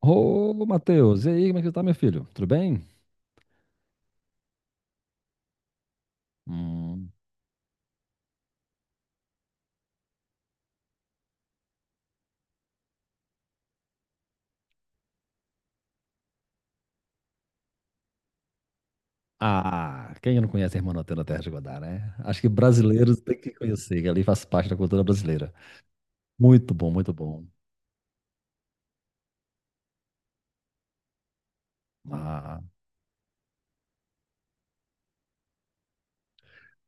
Ô, Matheus, e aí, como é que você tá, meu filho? Tudo bem? Hum. Ah, quem não conhece a Irmã Nutella Terra de Godá, né? Acho que brasileiros têm que conhecer, que ali faz parte da cultura brasileira. Muito bom, muito bom. Ah,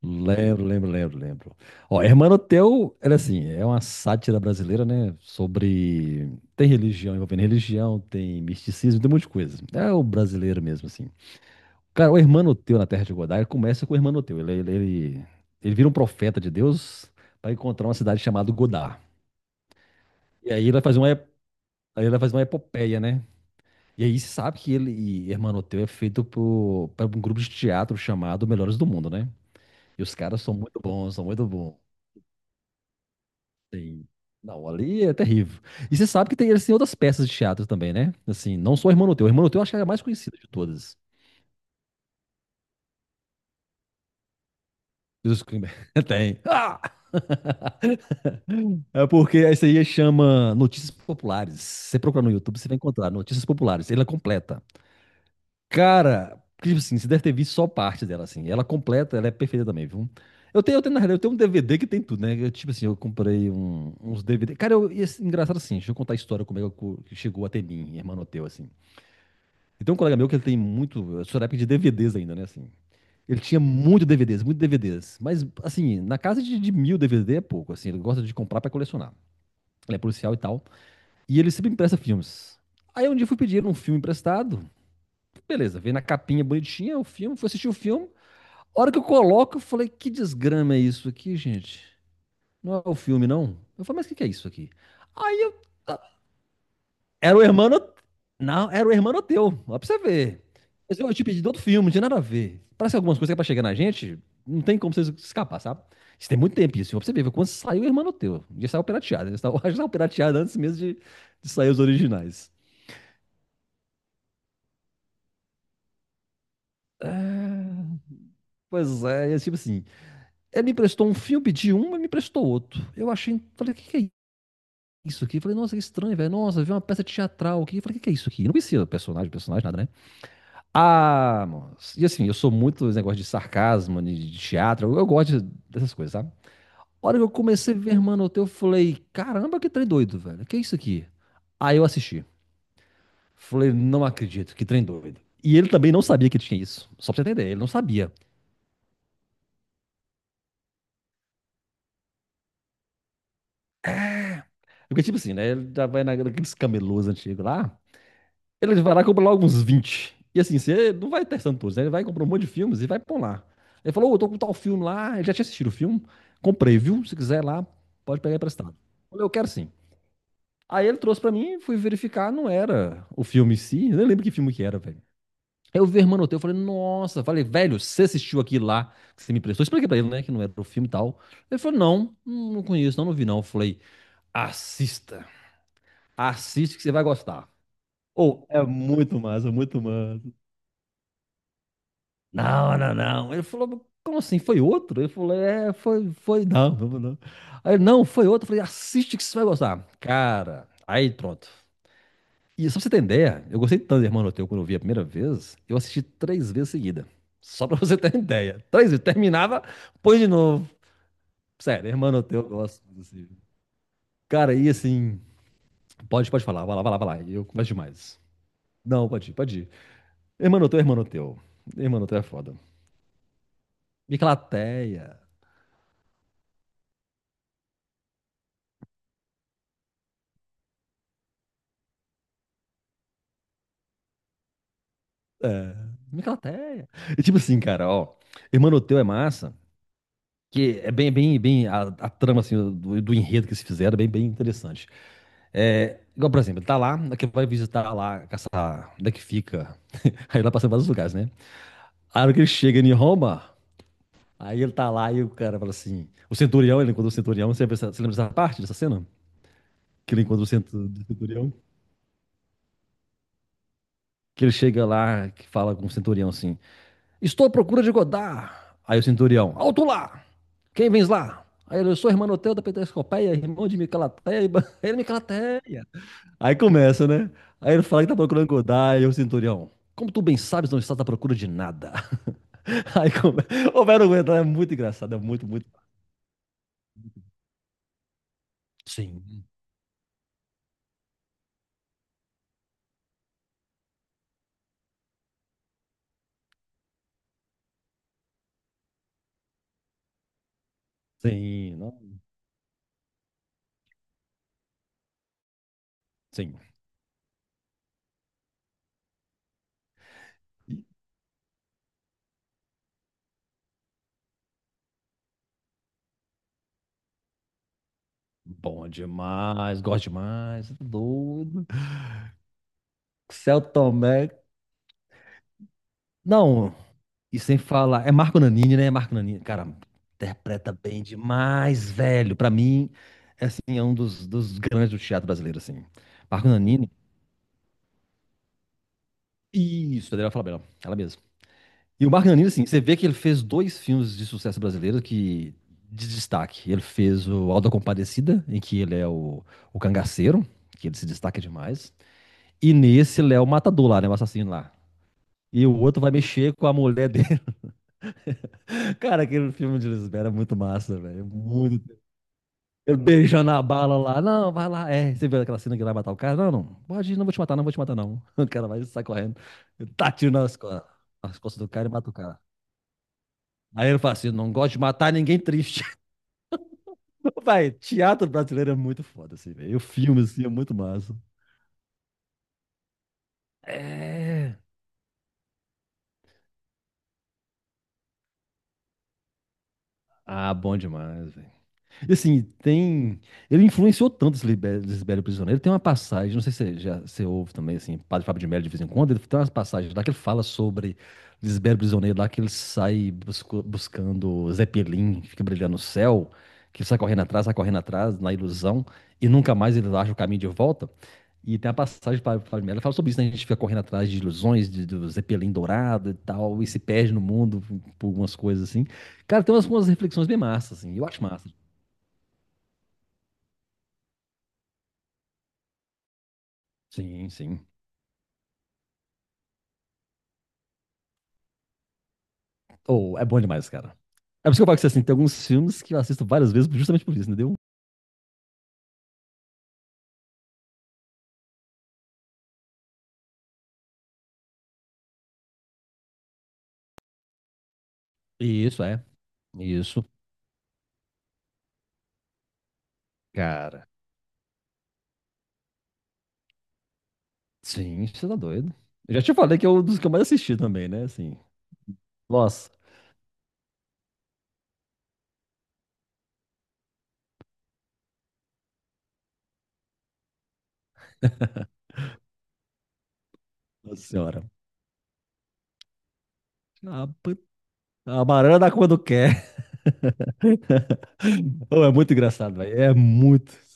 lembro. Ó, Irmã Nutella, ela é assim, é uma sátira brasileira, né? Sobre... Tem religião, envolvendo religião, tem misticismo, tem um monte de coisa. É o brasileiro mesmo, assim. Cara, o Hermanoteu na Terra de Godá, ele começa com o Hermanoteu. Ele vira um profeta de Deus para encontrar uma cidade chamada Godá. E aí ele vai fazer uma, aí ele vai fazer uma epopeia, né? E aí se sabe que ele e Hermanoteu é feito por um grupo de teatro chamado Melhores do Mundo, né? E os caras são muito bons, são muito bons. Tem- Não, ali é terrível. E você sabe que tem, eles têm outras peças de teatro também, né? Assim, não só o Hermanoteu. O Hermanoteu eu acho que é a mais conhecida de todas. E os- Tem. Ah! É porque essa aí chama Notícias Populares. Você procura no YouTube, você vai encontrar Notícias Populares. Ela é completa. Cara, tipo assim, você deve ter visto só parte dela, assim. Ela completa, ela é perfeita também, viu? Eu tenho, na realidade, eu tenho um DVD que tem tudo, né? Eu, tipo assim, uns DVD. Cara, engraçado assim, deixa eu contar a história como é que que chegou até mim, Hermanoteu, assim. Então, um colega meu que ele tem muito. Eu sou da época de DVDs ainda, né? Assim. Ele tinha muito DVDs, muito DVDs. Mas, assim, na casa de mil DVD é pouco, assim. Ele gosta de comprar pra colecionar. Ele é policial e tal. E ele sempre empresta filmes. Aí um dia eu fui pedir um filme emprestado. Beleza, veio na capinha bonitinha o filme, fui assistir o filme. A hora que eu coloco, eu falei, que desgrama é isso aqui, gente? Não é o filme, não? Eu falei, mas o que que é isso aqui? Aí eu. "Ah, era o Hermano. Não, era o Hermano teu. Ó, pra você ver. Mas eu te pedi de outro filme, não tinha nada a ver. Parece que algumas coisas que é pra chegar na gente, não tem como você escapar, sabe? Isso tem muito tempo isso. Ó, pra você ver, quando saiu o Hermano teu. Já saiu pirateado. Já saiu pirateado antes mesmo de sair os originais. É, pois é, e é tipo assim, ele me emprestou um filme de um e me emprestou outro. Eu achei, falei, o que é isso aqui? Falei, nossa, que estranho, velho. Nossa, vi uma peça teatral aqui. Falei, o que é isso aqui? Não conhecia personagem, personagem, nada, né? Ah, moço. E assim, eu sou muito dos negócios de sarcasmo, de teatro. Eu gosto dessas coisas, sabe? A hora que eu comecei a ver, mano, o teu, eu falei, caramba, que trem doido, velho. Que é isso aqui? Aí eu assisti. Falei, não acredito, que trem doido. E ele também não sabia que tinha isso. Só pra você entender, ele não sabia. Porque, tipo assim, né? Ele já vai naqueles camelôs antigos lá. Ele vai lá e compra logo uns 20. E assim, você não vai testando todos, né? Ele vai comprar um monte de filmes e vai pôr lá. Ele falou, ô, eu tô com tal filme lá. Ele já tinha assistido o filme. Comprei, viu? Se quiser lá, pode pegar emprestado. Eu falei, eu quero sim. Aí ele trouxe pra mim, fui verificar, não era o filme em si. Eu nem lembro que filme que era, velho. Aí eu vi Hermanoteu, eu falei, nossa. Falei, velho, você assistiu aquilo lá que você me emprestou? Eu expliquei pra ele, né, que não era o filme e tal. Ele falou, não, não conheço, não, não vi não. Eu falei, assista. Assiste que você vai gostar. Ou é muito massa, muito massa. Não, não, não. Ele falou, "Mas como assim? Foi outro? Eu falei, é, foi, foi, não, não, não. Aí, ele, não, foi outro. Eu falei, assiste que você vai gostar. Cara, aí pronto. E só pra você ter ideia, eu gostei tanto do Hermano Teu quando eu vi a primeira vez, eu assisti três vezes seguida. Só pra você ter ideia. Três vezes. Terminava, põe de novo. Sério, Hermano Teu, eu gosto desse filme. Cara, e assim, pode falar, vai lá. Eu começo demais. Não, pode ir. Hermano Teu, Hermano Teu. Hermano Teu é foda. Miclateia. É, Miclateia. E tipo assim, cara, ó. Hermanoteu é massa, que é bem. A trama, assim, do enredo que se fizeram é bem, bem interessante. É, igual, por exemplo, tá lá, que vai visitar lá, essa, onde é que fica. Aí lá passa vários lugares, né? A hora que ele chega em Roma, aí ele tá lá e o cara fala assim. O centurião, ele encontra o centurião. Você lembra, você lembra dessa parte dessa cena? Que ele encontra o do centurião? Que ele chega lá, que fala com o centurião assim. Estou à procura de Godard. Aí o centurião, alto lá! Quem vens lá? Aí ele, eu sou irmão Hermanoteu da Peterscopeia, irmão de Micalateia, ele Micalateia. Aí começa, né? Aí ele fala que tá procurando Godard, e o centurião, como tu bem sabes, não estás à procura de nada. Aí começa, o velho aguenta, é muito engraçado, é muito, muito... Sim, sim, não, sim. Bom demais, gosto demais, tá doido. Celto Tomé, não, e sem falar, é Marco Nanini, né? Marco Nanini, cara, interpreta bem demais, velho. Pra mim, é, assim, é um dos grandes do teatro brasileiro, assim. Marco Nanini, isso, a Adriana Falabella, ela mesma. E o Marco Nanini, assim, você vê que ele fez dois filmes de sucesso brasileiro que de destaque. Ele fez o Auto da Compadecida, em que o cangaceiro, que ele se destaca demais. E nesse, ele é o matador lá, né? O assassino lá. E o outro vai mexer com a mulher dele. Cara, aquele filme de Lisbela é muito massa, velho. Muito eu beijando a bala lá. Não, vai lá. É, você viu aquela cena que ele vai matar o cara? Não, não. Pode ir, não vou te matar, não. O cara vai e sai correndo. Ele tá tiro nas costas do cara e mata o cara. Aí ele fala assim: não gosto de matar ninguém triste. Vai, teatro brasileiro é muito foda, assim, velho. E o filme, assim, é muito massa. É. Ah, bom demais, velho. E assim, tem. Ele influenciou tanto esse Libério Prisioneiro. Tem uma passagem, não sei se você já você ouve também, assim, Padre Fábio de Melo de vez em quando, ele tem umas passagens lá que ele fala sobre Lisbelo Prisioneiro, lá que ele sai buscando Zeppelin, que fica brilhando no céu, que ele sai correndo atrás, na ilusão, e nunca mais ele acha o caminho de volta. E tem a passagem para Fábio de Melo, ele fala sobre isso, né? A gente fica correndo atrás de ilusões, do Zeppelin dourado e tal, e se perde no mundo por umas coisas assim. Cara, tem umas, umas reflexões bem massas, assim, eu acho massa. Sim, sim. Ou é bom demais, cara. É por isso que eu falo que assim, tem alguns filmes que eu assisto várias vezes justamente por isso, entendeu? Isso, é. Isso. Cara, sim, você tá doido. Eu já te falei que é um dos que eu mais assisti também, né? Assim, nossa, nossa senhora. A, put- a banana dá quando quer. Ô, é muito engraçado, velho. É muito.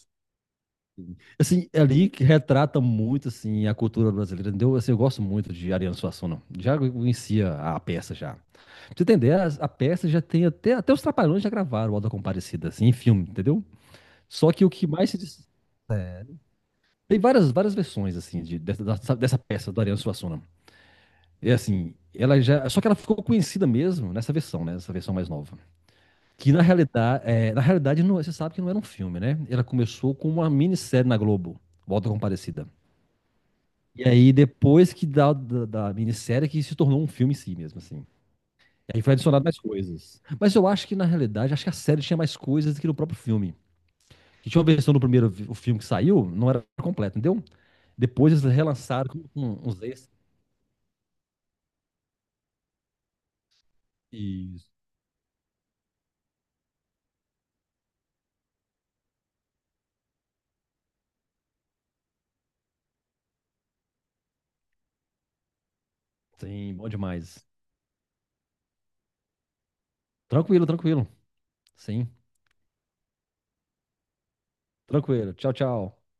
Assim, é ali que retrata muito, assim, a cultura brasileira, entendeu? Assim, eu gosto muito de Ariano Suassuna. Já conhecia a peça, já. Pra você entender, a peça já tem até... Até os Trapalhões já gravaram o Auto da Compadecida, assim, em filme, entendeu? Só que o que mais se... dis- tem várias, várias versões, assim, dessa dessa peça do Ariano Suassuna. É assim, ela já... Só que ela ficou conhecida mesmo nessa versão, né? Nessa versão mais nova. Que, na realidade, é, na realidade não, você sabe que não era um filme, né? Ela começou com uma minissérie na Globo, o Auto da Compadecida. E aí, depois que da minissérie, que se tornou um filme em si mesmo, assim. E aí foi adicionado mais coisas. Mas eu acho que, na realidade, acho que a série tinha mais coisas do que no próprio filme. Que tinha uma versão do o filme que saiu, não era completo, entendeu? Depois eles relançaram com uns extras. e- Sim, bom demais. Tranquilo, tranquilo. Sim, tranquilo. Tchau, tchau.